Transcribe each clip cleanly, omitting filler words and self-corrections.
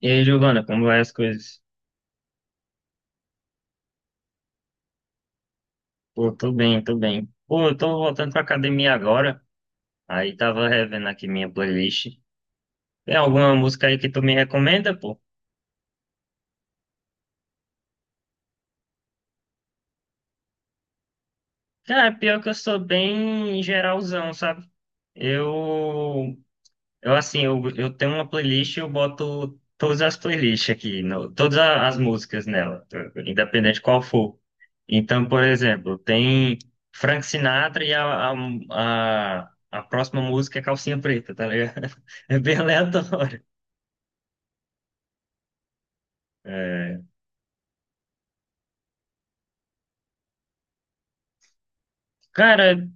E aí, Giovana, como vai as coisas? Pô, tô bem, tô bem. Pô, eu tô voltando pra academia agora. Aí tava revendo aqui minha playlist. Tem alguma música aí que tu me recomenda, pô? Cara, pior que eu sou bem geralzão, sabe? Eu Eu assim, eu tenho uma playlist e eu boto todas as playlists aqui, todas as músicas nela, independente qual for. Então, por exemplo, tem Frank Sinatra e a próxima música é Calcinha Preta, tá ligado? É bem aleatório. É, cara,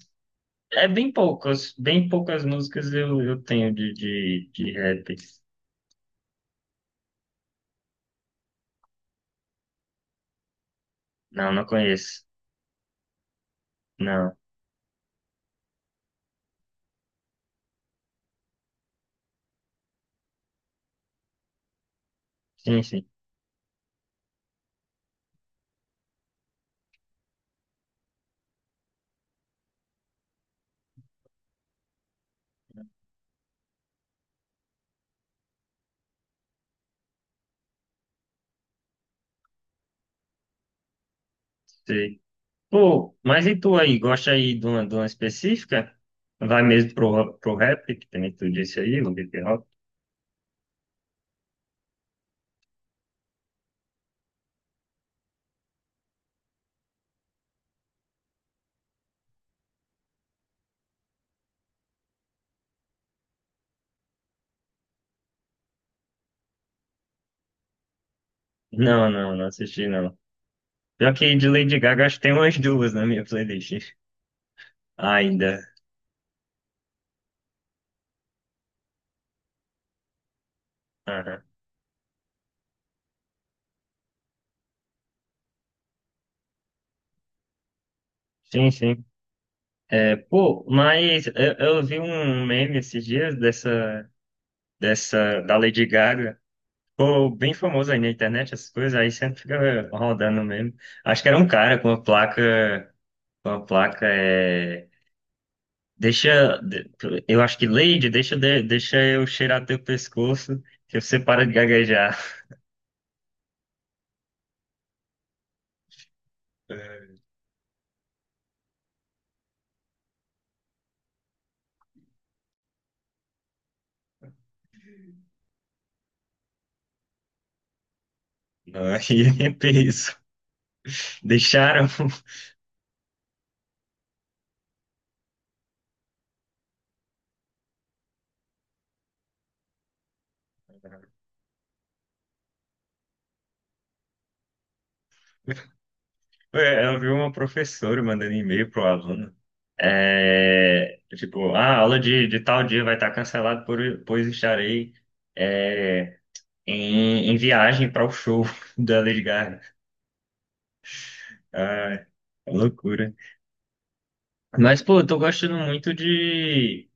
é bem poucas músicas eu tenho de rap. Não, não conheço. Não, sim, sim. Sei. Pô, mas e tu aí? Gosta aí de uma específica? Vai mesmo pro rap, que também tu disse aí, o hip hop? Não, não, não assisti não. Pior que de Lady Gaga, acho que tem umas duas na minha playlist ainda. Aham. Sim, sim. É, pô, mas eu vi um meme esses dias da Lady Gaga. Pô, bem famoso aí na internet, essas coisas, aí sempre fica rodando mesmo. Acho que era um cara com uma placa, é. Deixa, de- eu acho que Lady, deixa eu cheirar teu pescoço, que você para de gaguejar. Não, aí é peso. Deixaram. Ué, eu vi uma professora mandando e-mail pro aluno. É, tipo, ah, a aula de tal dia vai estar cancelada, por, pois estarei é, em viagem para o show da Lady Gaga. Ah, loucura. Mas, pô, eu tô gostando muito de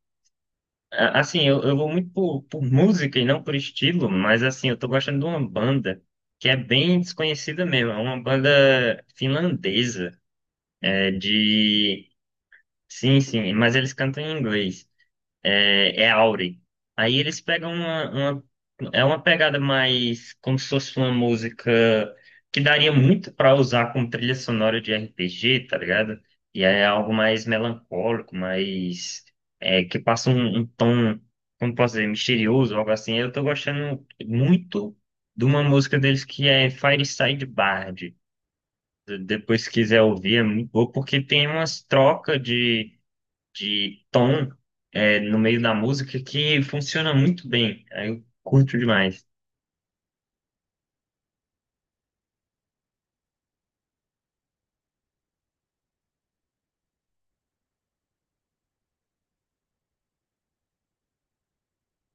assim, eu vou muito por música e não por estilo, mas assim, eu tô gostando de uma banda que é bem desconhecida mesmo. É uma banda finlandesa, é de... Sim, sim, mas eles cantam em inglês, é Aure. Aí eles pegam é uma pegada mais como se fosse uma música que daria muito para usar como trilha sonora de RPG, tá ligado? E é algo mais melancólico, mais. Que passa um tom, como posso dizer, misterioso, algo assim. Eu tô gostando muito de uma música deles que é Fireside Bard. Depois, se quiser ouvir, é muito boa, porque tem umas trocas de tom, no meio da música que funciona muito bem. Aí eu curto demais.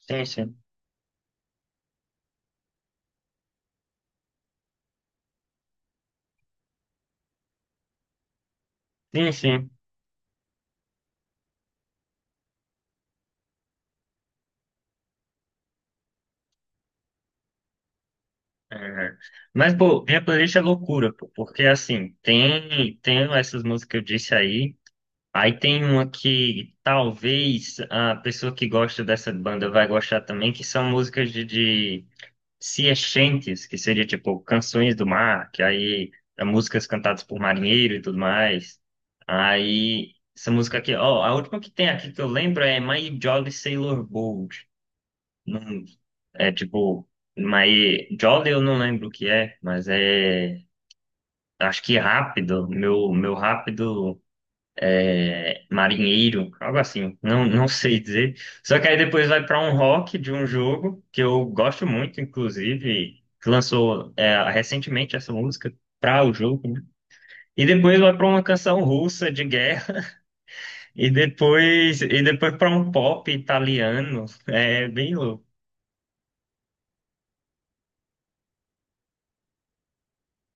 Sim, sim. Sim, sim. É. Mas, pô, minha playlist é loucura, pô, porque assim, tem, tem essas músicas que eu disse aí. Aí tem uma que talvez a pessoa que gosta dessa banda vai gostar também, que são músicas de sea chantes, que seria tipo canções do mar, que aí é músicas cantadas por marinheiro e tudo mais. Aí essa música aqui, ó, a última que tem aqui que eu lembro é My Jolly Sailor Bold. Não, é tipo, My Jolly eu não lembro o que é, mas é acho que rápido, meu rápido marinheiro, algo assim, não, não sei dizer. Só que aí depois vai para um rock de um jogo que eu gosto muito, inclusive, que lançou recentemente essa música para o jogo, né? E depois vai para uma canção russa de guerra e depois para um pop italiano, é bem louco.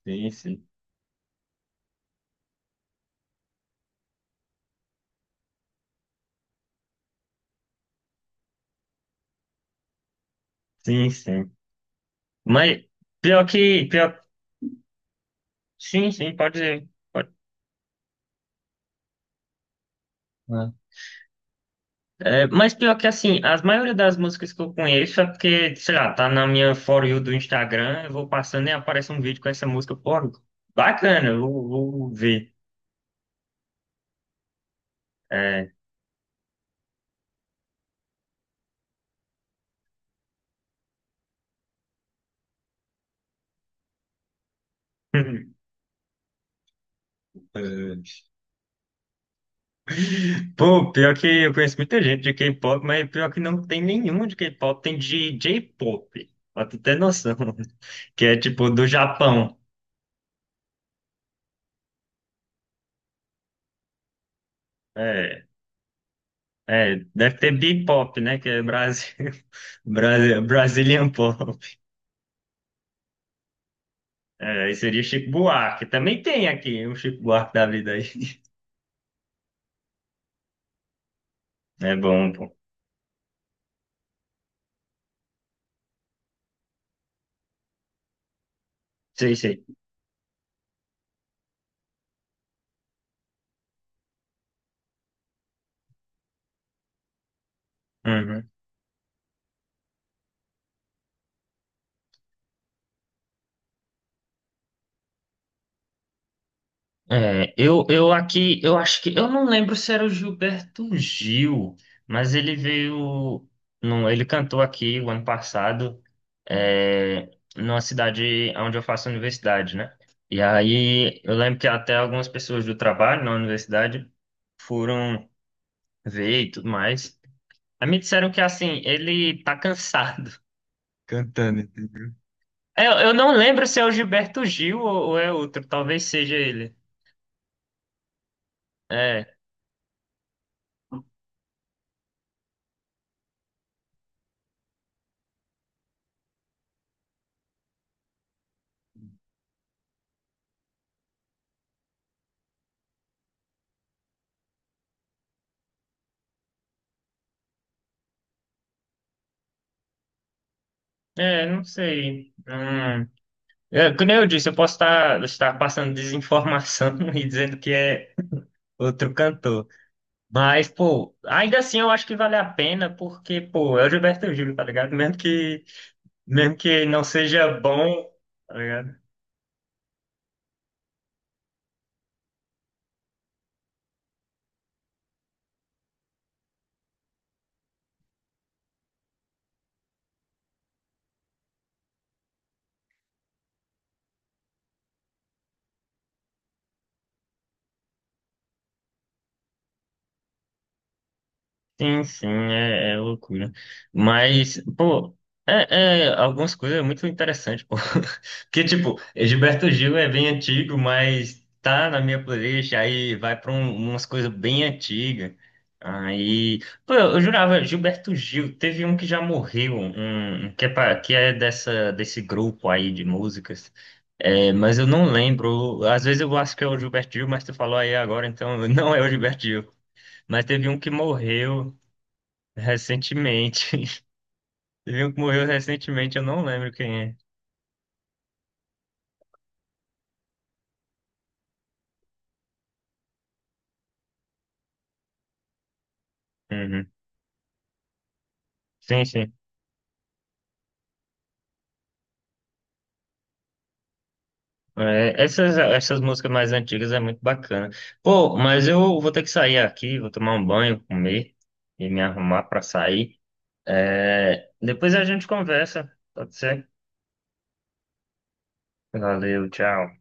Sim, sim, sim, sim. Mas pior que pior, sim, sim, pode dizer. Pode. É, mas pior que assim, as maioria das músicas que eu conheço é porque, sei lá, tá na minha For You do Instagram, eu vou passando e aparece um vídeo com essa música, pô, bacana, vou ver. É. Pô, pior que eu conheço muita gente de K-pop, mas pior que não tem nenhum de K-pop, tem de J-pop, pra tu ter noção, que é tipo do Japão. É, é, deve ter B-pop, né, que é Brasil, Brasil, Brazilian Pop. É, aí seria Chico Buarque. Também tem aqui o Chico Buarque da vida aí. É bom, pô. Sei, sei. Uhum. É, eu aqui, eu acho que, eu não lembro se era o Gilberto Gil, mas ele veio, não, ele cantou aqui o ano passado, é, numa cidade onde eu faço universidade, né? E aí eu lembro que até algumas pessoas do trabalho na universidade foram ver e tudo mais. Aí me disseram que assim, ele tá cansado. Cantando. É, eu não lembro se é o Gilberto Gil ou é outro, talvez seja ele. É, é, não sei. Hum. É, como eu disse, eu posso estar passando desinformação e dizendo que é outro cantor. Mas, pô, ainda assim eu acho que vale a pena, porque, pô, é o Gilberto Gil, tá ligado? Mesmo que não seja bom, tá ligado? Sim, sim, é, é loucura. Mas, pô, é, é algumas coisas é muito interessante, pô. Porque, tipo, Gilberto Gil é bem antigo, mas tá na minha playlist, aí vai pra umas coisas bem antigas. Aí, pô, eu jurava, Gilberto Gil, teve um que já morreu, um que é, que é dessa, desse grupo aí de músicas. É, mas eu não lembro. Às vezes eu acho que é o Gilberto Gil, mas tu falou aí agora, então não é o Gilberto Gil. Mas teve um que morreu. Recentemente. Teve um que morreu recentemente, eu não lembro quem é. Uhum. Sim, sim. É, essas, essas músicas mais antigas é muito bacana. Pô, mas eu vou ter que sair aqui, vou tomar um banho, comer e me arrumar pra sair. É, depois a gente conversa, pode ser? Valeu, tchau.